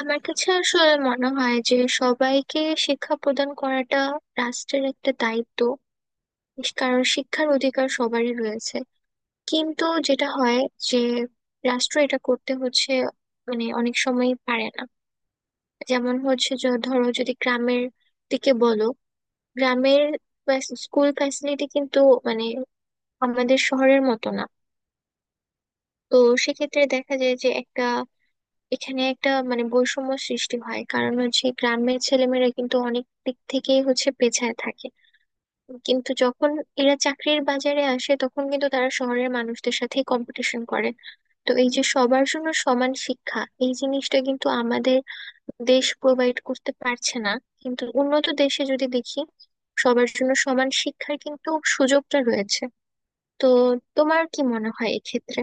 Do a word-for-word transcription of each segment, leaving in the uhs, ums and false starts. আমার কাছে আসলে মনে হয় যে সবাইকে শিক্ষা প্রদান করাটা রাষ্ট্রের একটা দায়িত্ব। কারণ শিক্ষার অধিকার সবারই রয়েছে, কিন্তু যেটা হয় যে রাষ্ট্র এটা করতে হচ্ছে, মানে অনেক সময় পারে না। যেমন হচ্ছে যে ধরো যদি গ্রামের দিকে বলো, গ্রামের ফ্যাস- স্কুল ফ্যাসিলিটি কিন্তু মানে আমাদের শহরের মতো না। তো সেক্ষেত্রে দেখা যায় যে একটা এখানে একটা মানে বৈষম্য সৃষ্টি হয়, কারণ হচ্ছে গ্রামের ছেলেমেয়েরা কিন্তু অনেক দিক থেকেই হচ্ছে পেছায় থাকে। কিন্তু যখন এরা চাকরির বাজারে আসে তখন কিন্তু তারা শহরের মানুষদের সাথে কম্পিটিশন করে। তো এই যে সবার জন্য সমান শিক্ষা, এই জিনিসটা কিন্তু আমাদের দেশ প্রোভাইড করতে পারছে না। কিন্তু উন্নত দেশে যদি দেখি, সবার জন্য সমান শিক্ষার কিন্তু সুযোগটা রয়েছে। তো তোমার কি মনে হয় এক্ষেত্রে?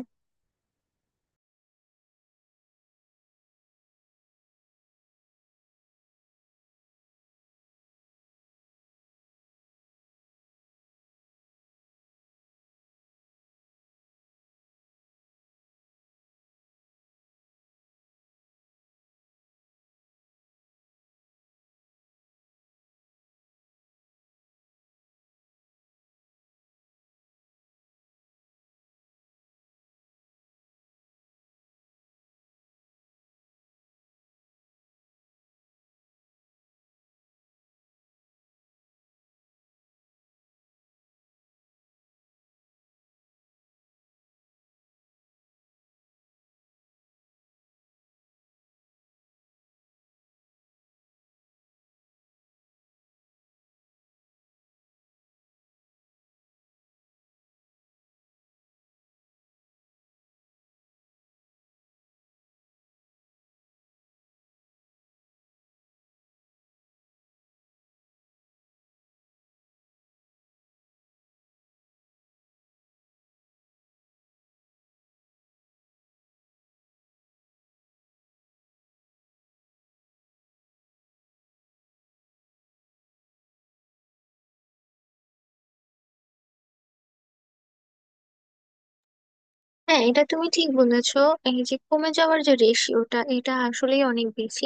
হ্যাঁ, এটা তুমি ঠিক বলেছো। এই যে কমে যাওয়ার যে রেশিওটা এটা আসলেই অনেক বেশি।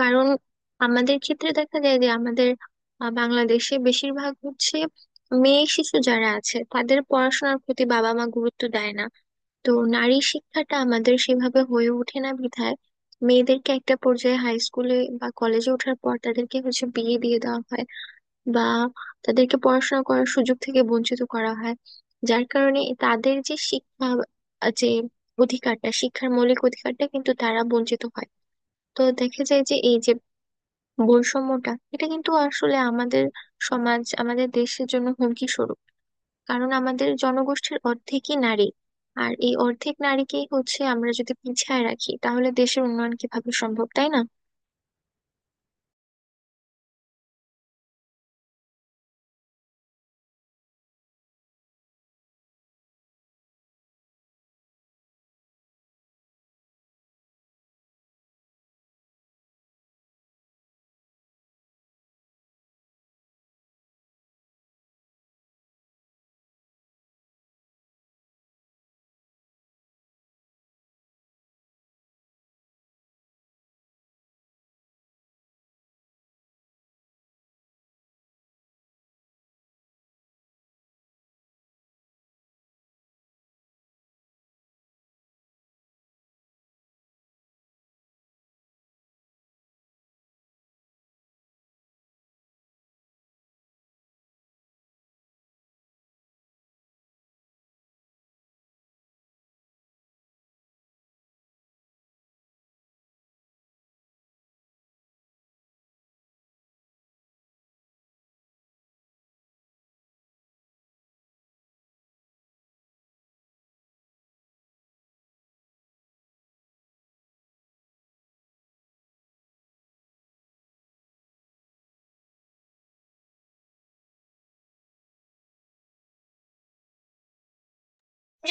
কারণ আমাদের ক্ষেত্রে দেখা যায় যে আমাদের আহ, বাংলাদেশে বেশিরভাগ হচ্ছে মেয়ে শিশু যারা আছে তাদের পড়াশোনার প্রতি বাবা মা গুরুত্ব দেয় না। তো নারী শিক্ষাটা আমাদের সেভাবে হয়ে ওঠে না বিধায় মেয়েদেরকে একটা পর্যায়ে হাই স্কুলে বা কলেজে ওঠার পর তাদেরকে হচ্ছে বিয়ে দিয়ে দেওয়া হয়, বা তাদেরকে পড়াশোনা করার সুযোগ থেকে বঞ্চিত করা হয়। যার কারণে তাদের যে শিক্ষা আহ, যে অধিকারটা, শিক্ষার মৌলিক অধিকারটা কিন্তু তারা বঞ্চিত হয়। তো দেখা যায় যে এই যে বৈষম্যটা এটা কিন্তু আসলে আমাদের সমাজ আমাদের দেশের জন্য হুমকি স্বরূপ। কারণ আমাদের জনগোষ্ঠীর অর্ধেকই নারী, আর এই অর্ধেক নারীকেই হচ্ছে আমরা যদি পিছায় রাখি তাহলে দেশের উন্নয়ন কিভাবে সম্ভব, তাই না?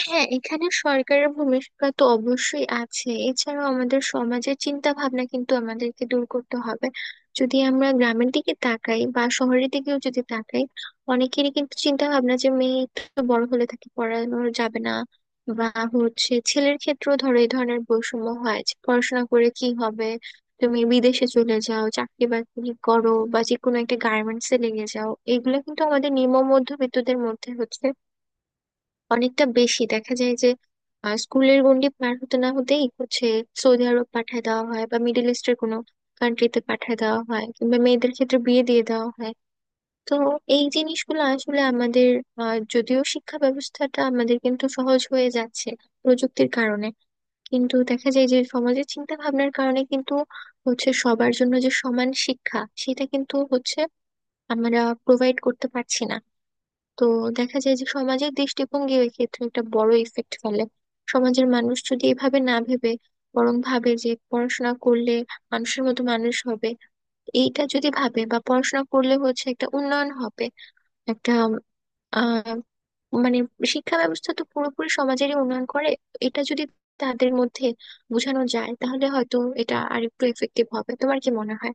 হ্যাঁ, এখানে সরকারের ভূমিকা তো অবশ্যই আছে, এছাড়াও আমাদের সমাজের চিন্তা ভাবনা কিন্তু আমাদেরকে দূর করতে হবে। যদি আমরা গ্রামের দিকে তাকাই বা শহরের দিকেও যদি তাকাই, অনেকেরই কিন্তু চিন্তা ভাবনা যে মেয়ে তো বড় হলে তাকে পড়ানো যাবে না। বা হচ্ছে ছেলের ক্ষেত্রেও ধরো এই ধরনের বৈষম্য হয় যে পড়াশোনা করে কি হবে, তুমি বিদেশে চলে যাও চাকরি বাকরি করো বা যে কোনো একটা গার্মেন্টস এ লেগে যাও। এগুলো কিন্তু আমাদের নিম্ন মধ্যবিত্তদের মধ্যে হচ্ছে অনেকটা বেশি দেখা যায় যে আহ, স্কুলের গণ্ডি পার হতে না হতেই হচ্ছে সৌদি আরব পাঠায় দেওয়া হয় বা মিডল ইস্টের কোনো কান্ট্রিতে পাঠায় দেওয়া হয় কিংবা মেয়েদের ক্ষেত্রে বিয়ে দিয়ে দেওয়া হয়। তো এই জিনিসগুলো আসলে আমাদের আহ, যদিও শিক্ষা ব্যবস্থাটা আমাদের কিন্তু সহজ হয়ে যাচ্ছে প্রযুক্তির কারণে, কিন্তু দেখা যায় যে সমাজের চিন্তা ভাবনার কারণে কিন্তু হচ্ছে সবার জন্য যে সমান শিক্ষা সেটা কিন্তু হচ্ছে আমরা প্রোভাইড করতে পারছি না। তো দেখা যায় যে সমাজের দৃষ্টিভঙ্গি ওই ক্ষেত্রে একটা বড় ইফেক্ট ফেলে। সমাজের মানুষ যদি এভাবে না ভেবে বরং ভাবে যে পড়াশোনা করলে মানুষের মতো মানুষ হবে, এইটা যদি ভাবে, বা পড়াশোনা করলে হচ্ছে একটা উন্নয়ন হবে, একটা আহ মানে শিক্ষা ব্যবস্থা তো পুরোপুরি সমাজেরই উন্নয়ন করে, এটা যদি তাদের মধ্যে বোঝানো যায় তাহলে হয়তো এটা আরেকটু এফেক্টিভ হবে। তোমার কি মনে হয়?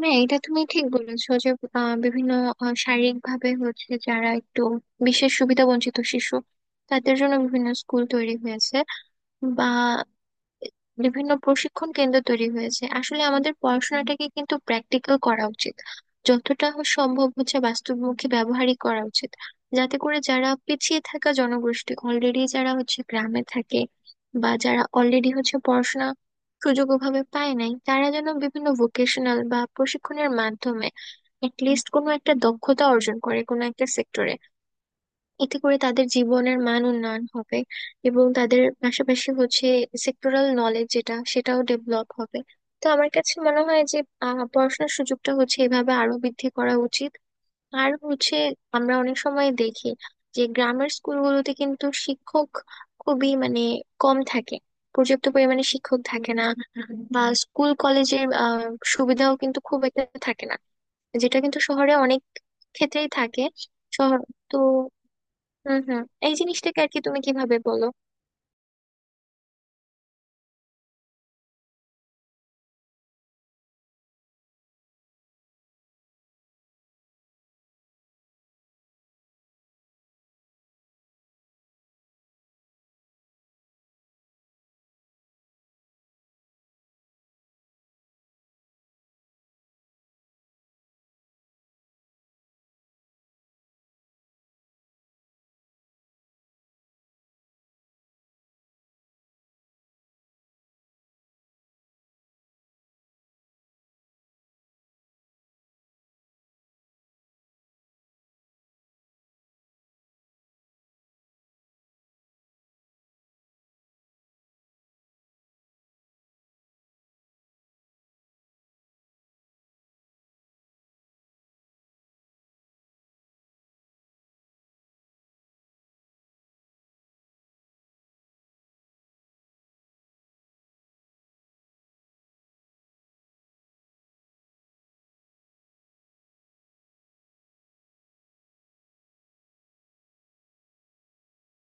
হ্যাঁ, এটা তুমি ঠিক বলেছো যে আহ, বিভিন্ন শারীরিক ভাবে হচ্ছে যারা একটু বিশেষ সুবিধা বঞ্চিত শিশু, তাদের জন্য বিভিন্ন স্কুল তৈরি হয়েছে বা বিভিন্ন প্রশিক্ষণ কেন্দ্র তৈরি হয়েছে। আসলে আমাদের পড়াশোনাটাকে কিন্তু প্র্যাকটিক্যাল করা উচিত, যতটা হ- সম্ভব হচ্ছে বাস্তবমুখী ব্যবহারই করা উচিত। যাতে করে যারা পিছিয়ে থাকা জনগোষ্ঠী অলরেডি যারা হচ্ছে গ্রামে থাকে বা যারা অলরেডি হচ্ছে পড়াশোনা সুযোগ ওভাবে পায় নাই, তারা যেন বিভিন্ন ভোকেশনাল বা প্রশিক্ষণের মাধ্যমে লিস্ট কোনো একটা দক্ষতা অর্জন করে কোনো একটা সেক্টরে। এতে করে তাদের জীবনের মান উন্নয়ন হবে, এবং তাদের পাশাপাশি হচ্ছে সেক্টরাল নলেজ যেটা সেটাও ডেভেলপ হবে। তো আমার কাছে মনে হয় যে আহ, পড়াশোনার সুযোগটা হচ্ছে এভাবে আরো বৃদ্ধি করা উচিত। আর হচ্ছে আমরা অনেক সময় দেখি যে গ্রামের স্কুলগুলোতে কিন্তু শিক্ষক খুবই মানে কম থাকে, পর্যাপ্ত পরিমাণে শিক্ষক থাকে না, বা স্কুল কলেজের আহ সুবিধাও কিন্তু খুব একটা থাকে না, যেটা কিন্তু শহরে অনেক ক্ষেত্রেই থাকে। শহর তো। হুম, হুম। এই জিনিসটাকে আর কি তুমি কিভাবে বলো?